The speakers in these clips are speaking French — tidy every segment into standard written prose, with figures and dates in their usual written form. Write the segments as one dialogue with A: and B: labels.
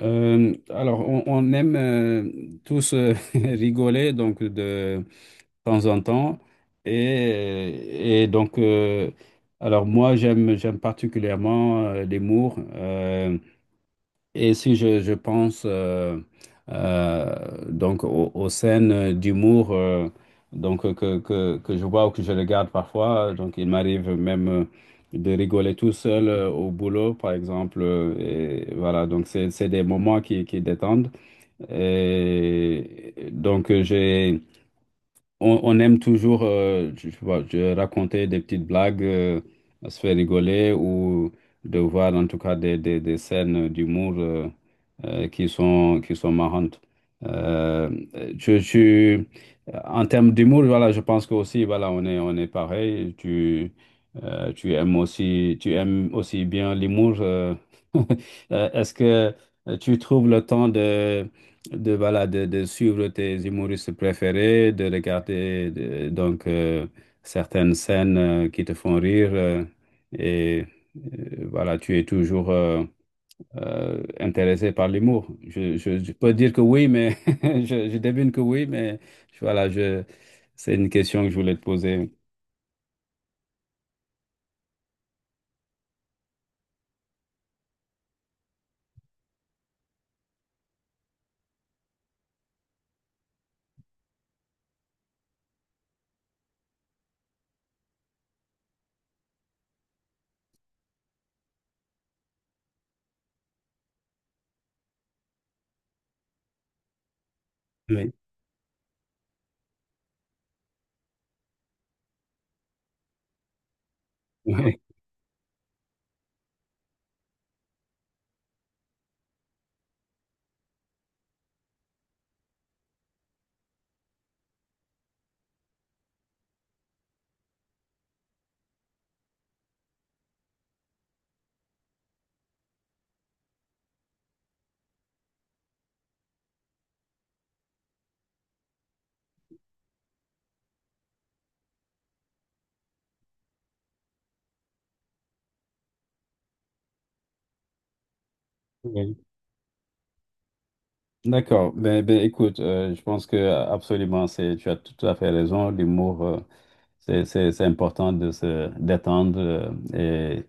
A: On aime tous rigoler donc de temps en temps et alors moi j'aime particulièrement l'humour. Et si je pense euh, donc aux scènes d'humour que je vois ou que je regarde parfois, donc il m'arrive même de rigoler tout seul au boulot, par exemple. Et voilà, donc c'est des moments qui détendent. Et donc on aime toujours euh, je sais pas, je raconter des petites blagues, se faire rigoler ou de voir en tout cas des scènes d'humour qui sont marrantes. Euh, je, je- En termes d'humour, voilà, je pense que aussi, voilà, on est pareil. Tu aimes aussi bien l'humour. Est-ce que tu trouves le temps de voilà, de suivre tes humoristes préférés, de regarder certaines scènes qui te font rire et voilà, tu es toujours intéressé par l'humour. Je peux dire que oui, mais je devine que oui, mais je- voilà, je, c'est une question que je voulais te poser. Oui. Oui. D'accord. Ben, écoute, je pense que absolument, c'est, tu as tout à fait raison. L'humour, c'est important de se détendre euh,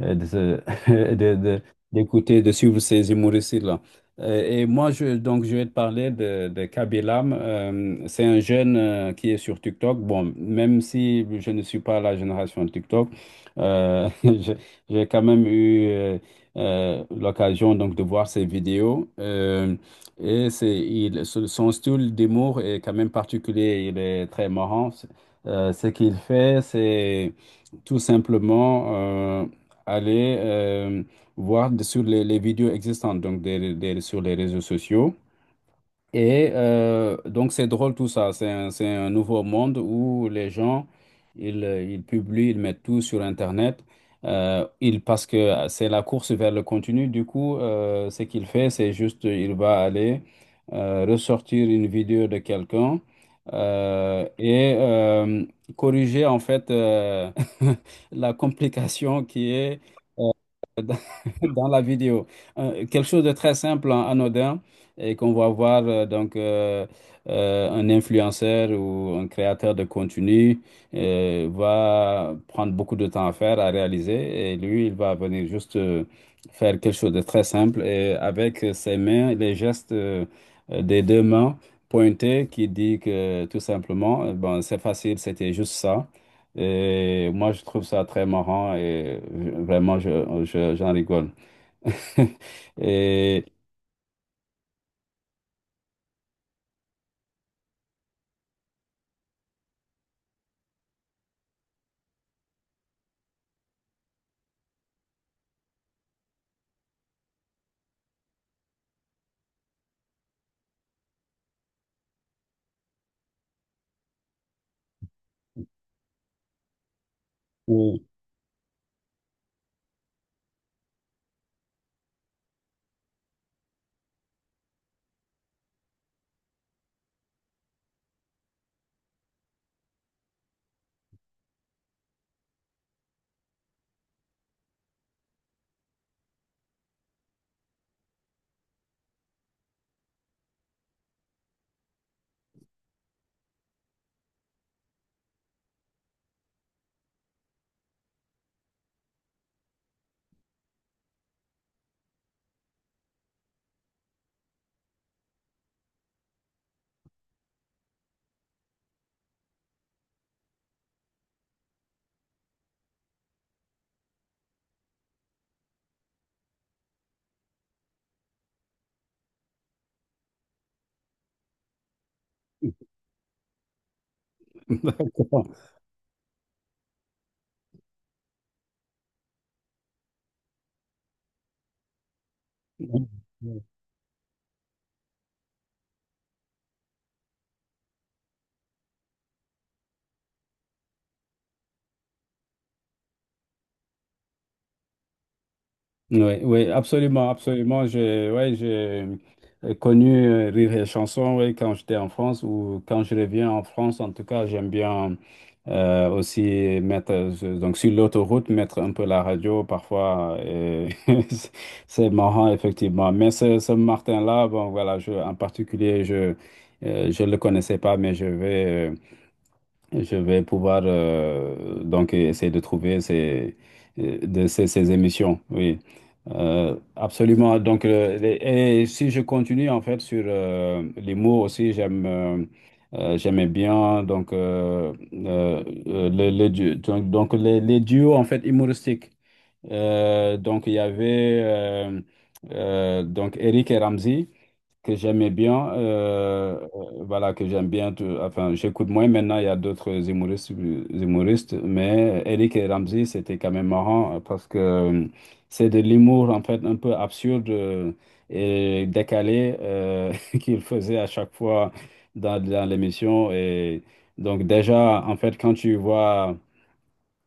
A: euh, de, se- de- de- d'écouter, de suivre ces humoristes-là. Et moi, je vais te parler de Kabilam. C'est un jeune qui est sur TikTok. Bon, même si je ne suis pas la génération de TikTok, euh, je- j'ai quand même eu l'occasion donc de voir ses vidéos. Son style d'humour est quand même particulier. Il est très marrant. Ce qu'il fait, c'est tout simplement aller voir sur les vidéos existantes, donc sur les réseaux sociaux. Et donc c'est drôle tout ça, c'est un nouveau monde où les gens, ils publient, ils mettent tout sur Internet. Ils, parce que c'est la course vers le contenu, du coup, ce qu'il fait, c'est juste, il va aller ressortir une vidéo de quelqu'un et corriger en fait la complication qui est euh, dans la vidéo. Quelque chose de très simple, hein, anodin, et qu'on va voir un influenceur ou un créateur de contenu va prendre beaucoup de temps à faire, à réaliser, et lui, il va venir juste faire quelque chose de très simple et avec ses mains, les gestes des deux mains pointées qui dit que tout simplement, bon, c'est facile, c'était juste ça. Et moi, je trouve ça très marrant et vraiment, j'en rigole. Et, oui, d'accord. Oui, oui, absolument, absolument. Ouais, j'ai connu Rire et Chanson, ouais, quand j'étais en France ou quand je reviens en France. En tout cas, j'aime bien aussi mettre, donc sur l'autoroute, mettre un peu la radio parfois, et c'est c'est marrant, effectivement. Mais ce Martin-là, bon, voilà, je, en particulier, je le connaissais pas, mais je vais. Je vais pouvoir donc essayer de trouver ces émissions, oui. Absolument. Et si je continue en fait sur les mots aussi, j'aimais bien donc, euh, les du- donc les duos en fait humoristiques. Donc, il y avait donc Eric et Ramzi que j'aimais bien. Voilà, que j'aime bien. Enfin, j'écoute moins maintenant. Il y a d'autres humoristes, humoristes, mais Eric et Ramzi, c'était quand même marrant parce que c'est de l'humour en fait un peu absurde et décalé qu'ils faisaient à chaque fois dans l'émission. Et donc, déjà, en fait, quand tu vois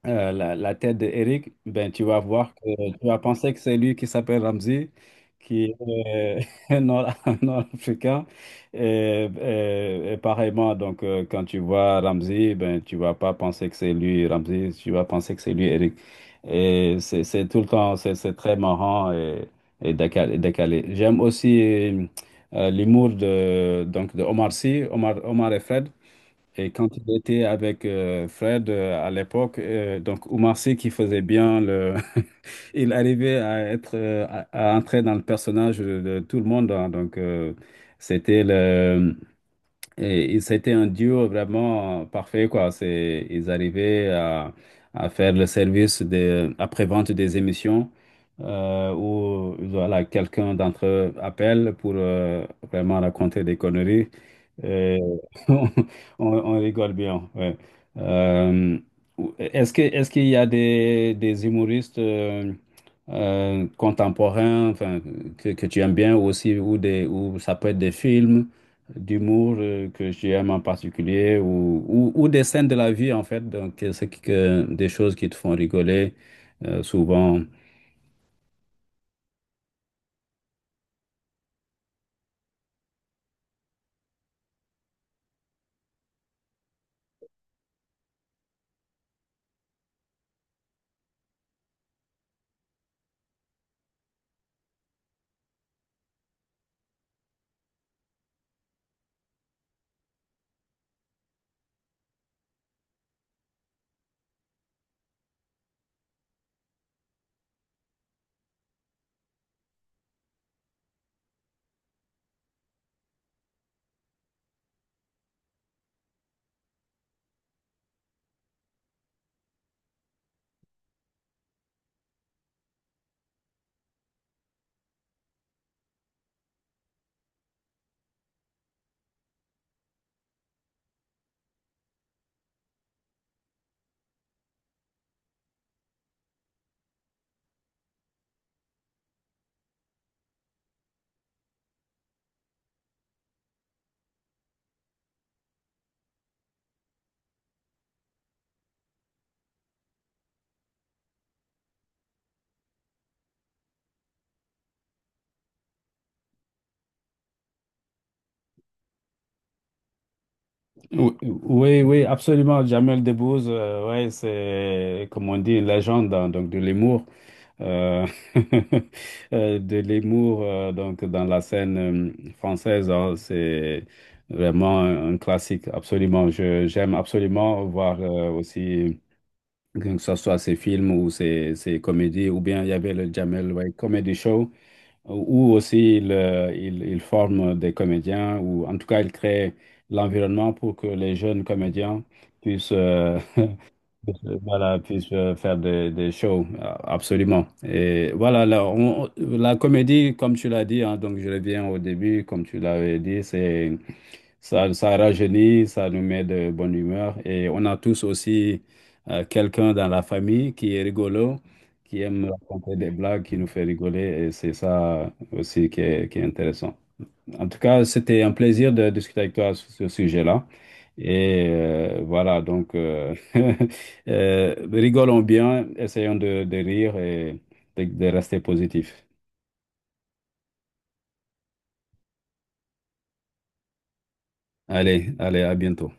A: la tête d'Eric, ben, tu vas voir que tu vas penser que c'est lui qui s'appelle Ramsey, qui est nord, africain Et pareillement, donc, quand tu vois Ramsey, ben, tu vas pas penser que c'est lui Ramsey, tu vas penser que c'est lui Eric. C'est tout le temps, c'est très marrant et décalé. Décalé. J'aime aussi l'humour de, donc, de Omar Sy, Omar et Fred. Et quand il était avec Fred à l'époque, donc Oumar Sy qui faisait bien le, il arrivait à être à entrer dans le personnage de tout le monde, hein. Donc c'était le, et c'était un duo vraiment parfait, quoi. Ils arrivaient à faire le service des après-vente des émissions où voilà quelqu'un d'entre eux appelle pour vraiment raconter des conneries. Euh, on rigole bien, ouais. Euh, est-ce qu'il y a des humoristes contemporains, enfin, que tu aimes bien ou aussi, ou des, ou ça peut être des films d'humour que j'aime en particulier, ou des scènes de la vie en fait, donc que des choses qui te font rigoler souvent. Ou- Oui, oui, absolument. Jamel Debbouze, ouais, c'est, comme on dit, une légende, hein, donc de l'humour, euh, de l'humour donc dans la scène française, hein. C'est vraiment un classique, absolument. Je, j'aime absolument voir aussi que ce soit ses films ou ses, ses comédies, ou bien il y avait le Jamel, ouais, Comedy Show ou aussi ils, ils forment des comédiens, ou en tout cas, ils créent l'environnement pour que les jeunes comédiens puissent, euh, puissent, voilà, puissent faire des shows, absolument. Et voilà, la comédie, comme tu l'as dit, hein, donc je reviens au début, comme tu l'avais dit, c'est... Ça rajeunit, ça nous met de bonne humeur. Et on a tous aussi quelqu'un dans la famille qui est rigolo, qui aime raconter des blagues, qui nous fait rigoler. Et c'est ça aussi qui est intéressant. En tout cas, c'était un plaisir de discuter avec toi sur ce sujet-là. Et voilà, donc rigolons bien, essayons de rire et de rester positif. Allez, allez, à bientôt.